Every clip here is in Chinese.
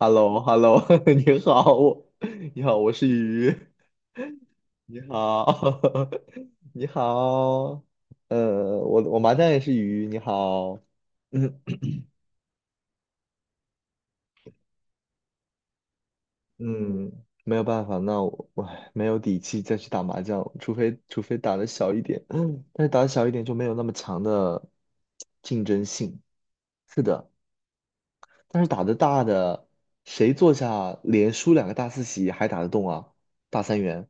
Hello Hello 你好，你好，我是鱼，你好。你好，我麻将也是鱼，你好。嗯嗯，没有办法。那我没有底气再去打麻将，除非打的小一点，但是打的小一点就没有那么强的竞争性。是的，但是打的大的，谁坐下连输两个大四喜还打得动啊？大三元。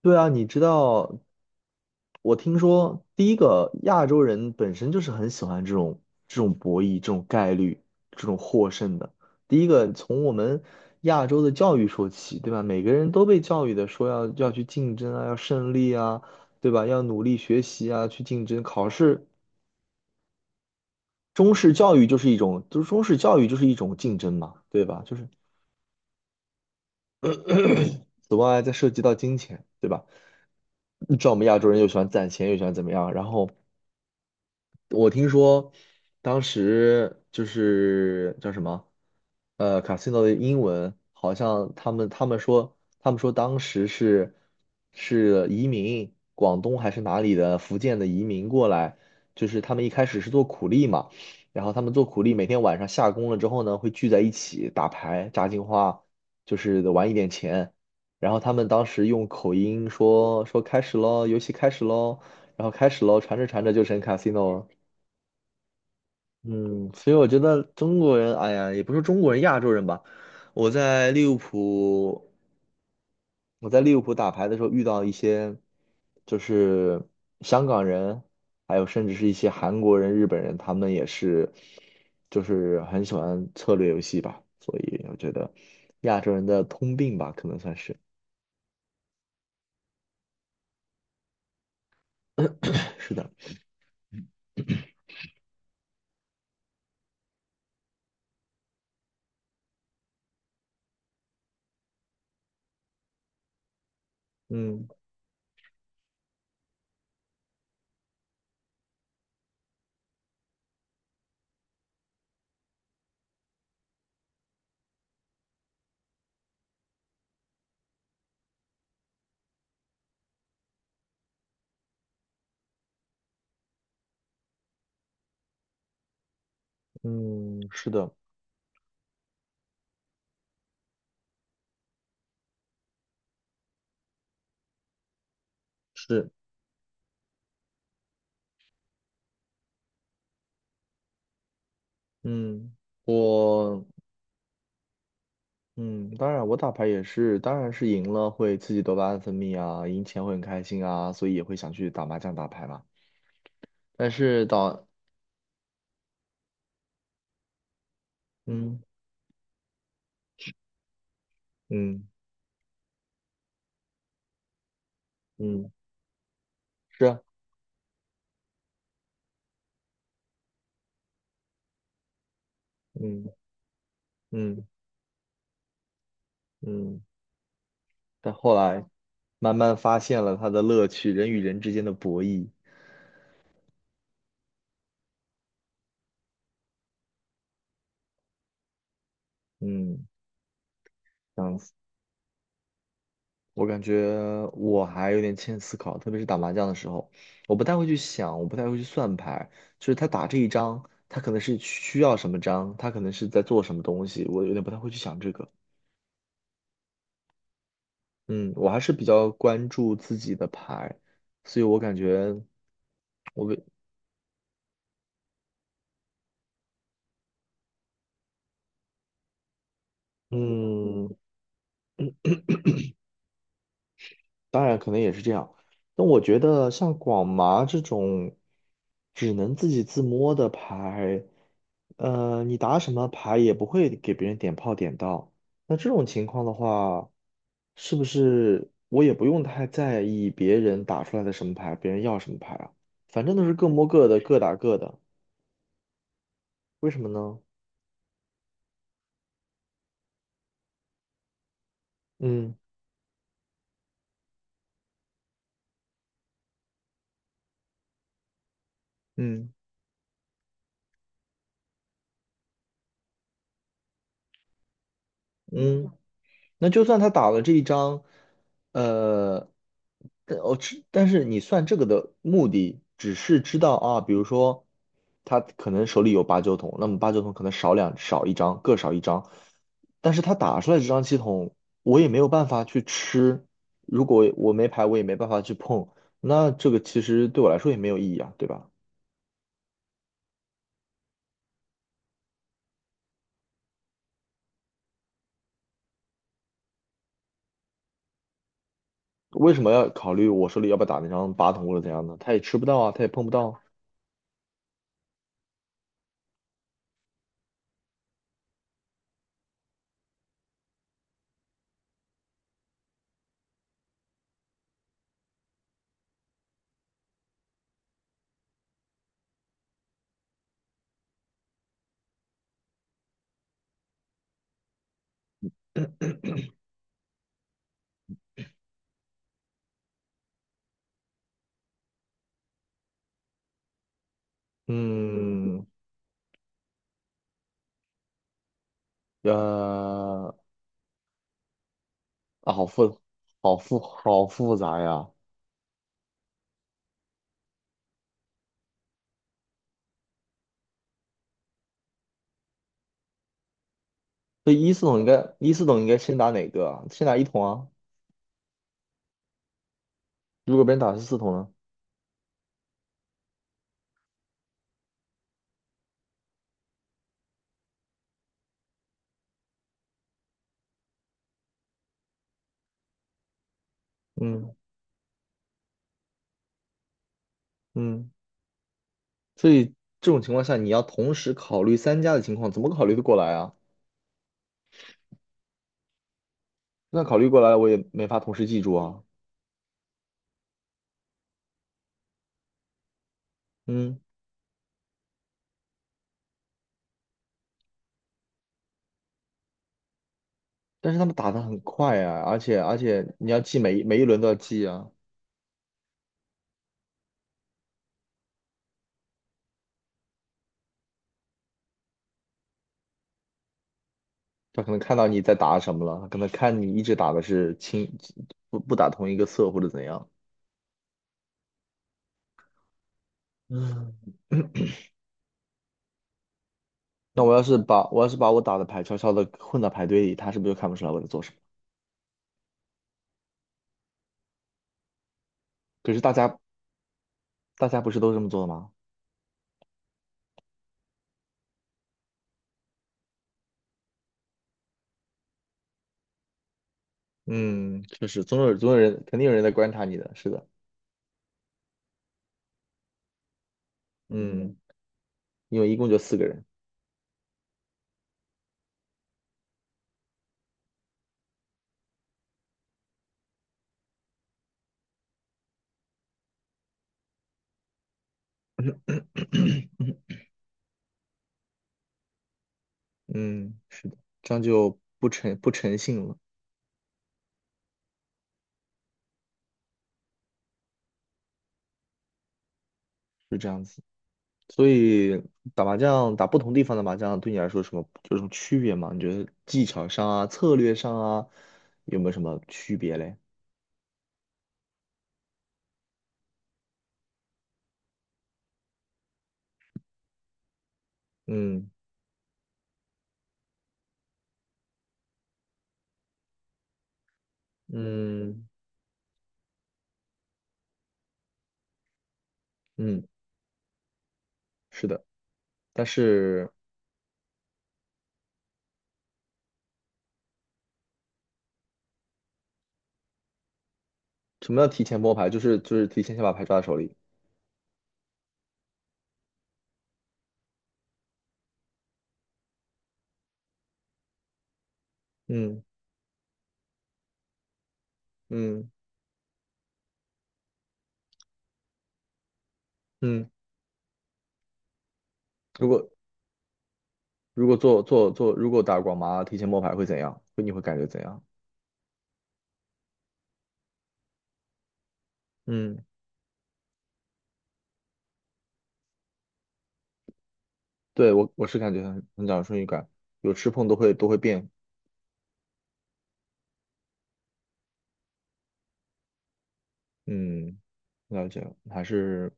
对啊，你知道，我听说第一个亚洲人本身就是很喜欢这种博弈、这种概率、这种获胜的。第一个从我们亚洲的教育说起，对吧？每个人都被教育的说要去竞争啊，要胜利啊，对吧？要努力学习啊，去竞争考试。中式教育就是一种，就是中式教育就是一种竞争嘛，对吧？就是此外再涉及到金钱，对吧？你知道我们亚洲人又喜欢攒钱，又喜欢怎么样，然后。我听说当时就是叫什么，casino 的英文好像他们说当时是是移民广东还是哪里的福建的移民过来，就是他们一开始是做苦力嘛。然后他们做苦力每天晚上下工了之后呢，会聚在一起打牌、炸金花，就是玩一点钱。然后他们当时用口音说开始喽，游戏开始喽。然后开始喽，传着传着就成 casino 了。嗯，所以我觉得中国人，哎呀，也不是中国人，亚洲人吧。我在利物浦，我在利物浦打牌的时候遇到一些，就是香港人，还有甚至是一些韩国人、日本人，他们也是，就是很喜欢策略游戏吧。所以我觉得亚洲人的通病吧，可能算是。是的，嗯嗯，是的，是，嗯，我。嗯，当然，我打牌也是，当然是赢了会刺激多巴胺分泌啊，赢钱会很开心啊，所以也会想去打麻将、打牌嘛。但是到嗯嗯嗯，是啊，嗯嗯嗯。但后来慢慢发现了它的乐趣，人与人之间的博弈。嗯，我感觉我还有点欠思考，特别是打麻将的时候，我不太会去想，我不太会去算牌，就是他打这一张，他可能是需要什么张，他可能是在做什么东西，我有点不太会去想这个。嗯，我还是比较关注自己的牌，所以我感觉我为嗯，当然可能也是这样。但我觉得像广麻这种只能自己自摸的牌，你打什么牌也不会给别人点炮点到。那这种情况的话，是不是我也不用太在意别人打出来的什么牌，别人要什么牌啊？反正都是各摸各的，各打各的。为什么呢？嗯嗯，嗯。那就算他打了这一张，呃，但哦，只但是你算这个的目的，只是知道啊，比如说他可能手里有八九筒，那么八九筒可能少两少一张，各少一张，但是他打出来这张七筒，我也没有办法去吃，如果我没牌，我也没办法去碰，那这个其实对我来说也没有意义啊，对吧？为什么要考虑我手里要不要打那张八筒或者怎样呢？他也吃不到啊，他也碰不到啊。嗯，呃，啊，好复好复好复杂呀！所以一四筒应该先打哪个啊？先打一筒啊？如果别人打的是四筒呢？嗯嗯，所以这种情况下，你要同时考虑三家的情况，怎么考虑得过来啊？那考虑过来了我也没法同时记住啊。嗯，但是他们打的很快啊，而且你要记每一轮都要记啊。他可能看到你在打什么了，他可能看你一直打的是清不不打同一个色或者怎样。嗯。 那我要是把我打的牌悄悄的混到牌堆里，他是不是就看不出来我在做什么？可是大家不是都这么做的吗？嗯，确实，总有人肯定有人在观察你的，是的。嗯，因为一共就四个人。嗯，是的，这样就不诚信了。是这样子。所以打麻将，打不同地方的麻将，对你来说有什么区别吗？你觉得技巧上啊、策略上啊，有没有什么区别嘞？嗯嗯嗯，是的。但是。什么叫提前摸牌？就是提前先把牌抓在手里。嗯嗯嗯，如果如果做做做，如果打广麻提前摸牌会怎样？会你会感觉怎样？嗯，对我是感觉很讲顺序感，有吃碰都会变。嗯，了解了。还是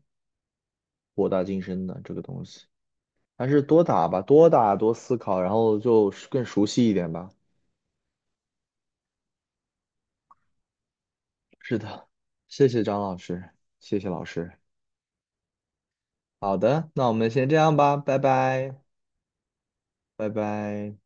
博大精深的这个东西，还是多打吧，多打多思考，然后就是更熟悉一点吧。是的，谢谢张老师，谢谢老师。好的，那我们先这样吧。拜拜，拜拜。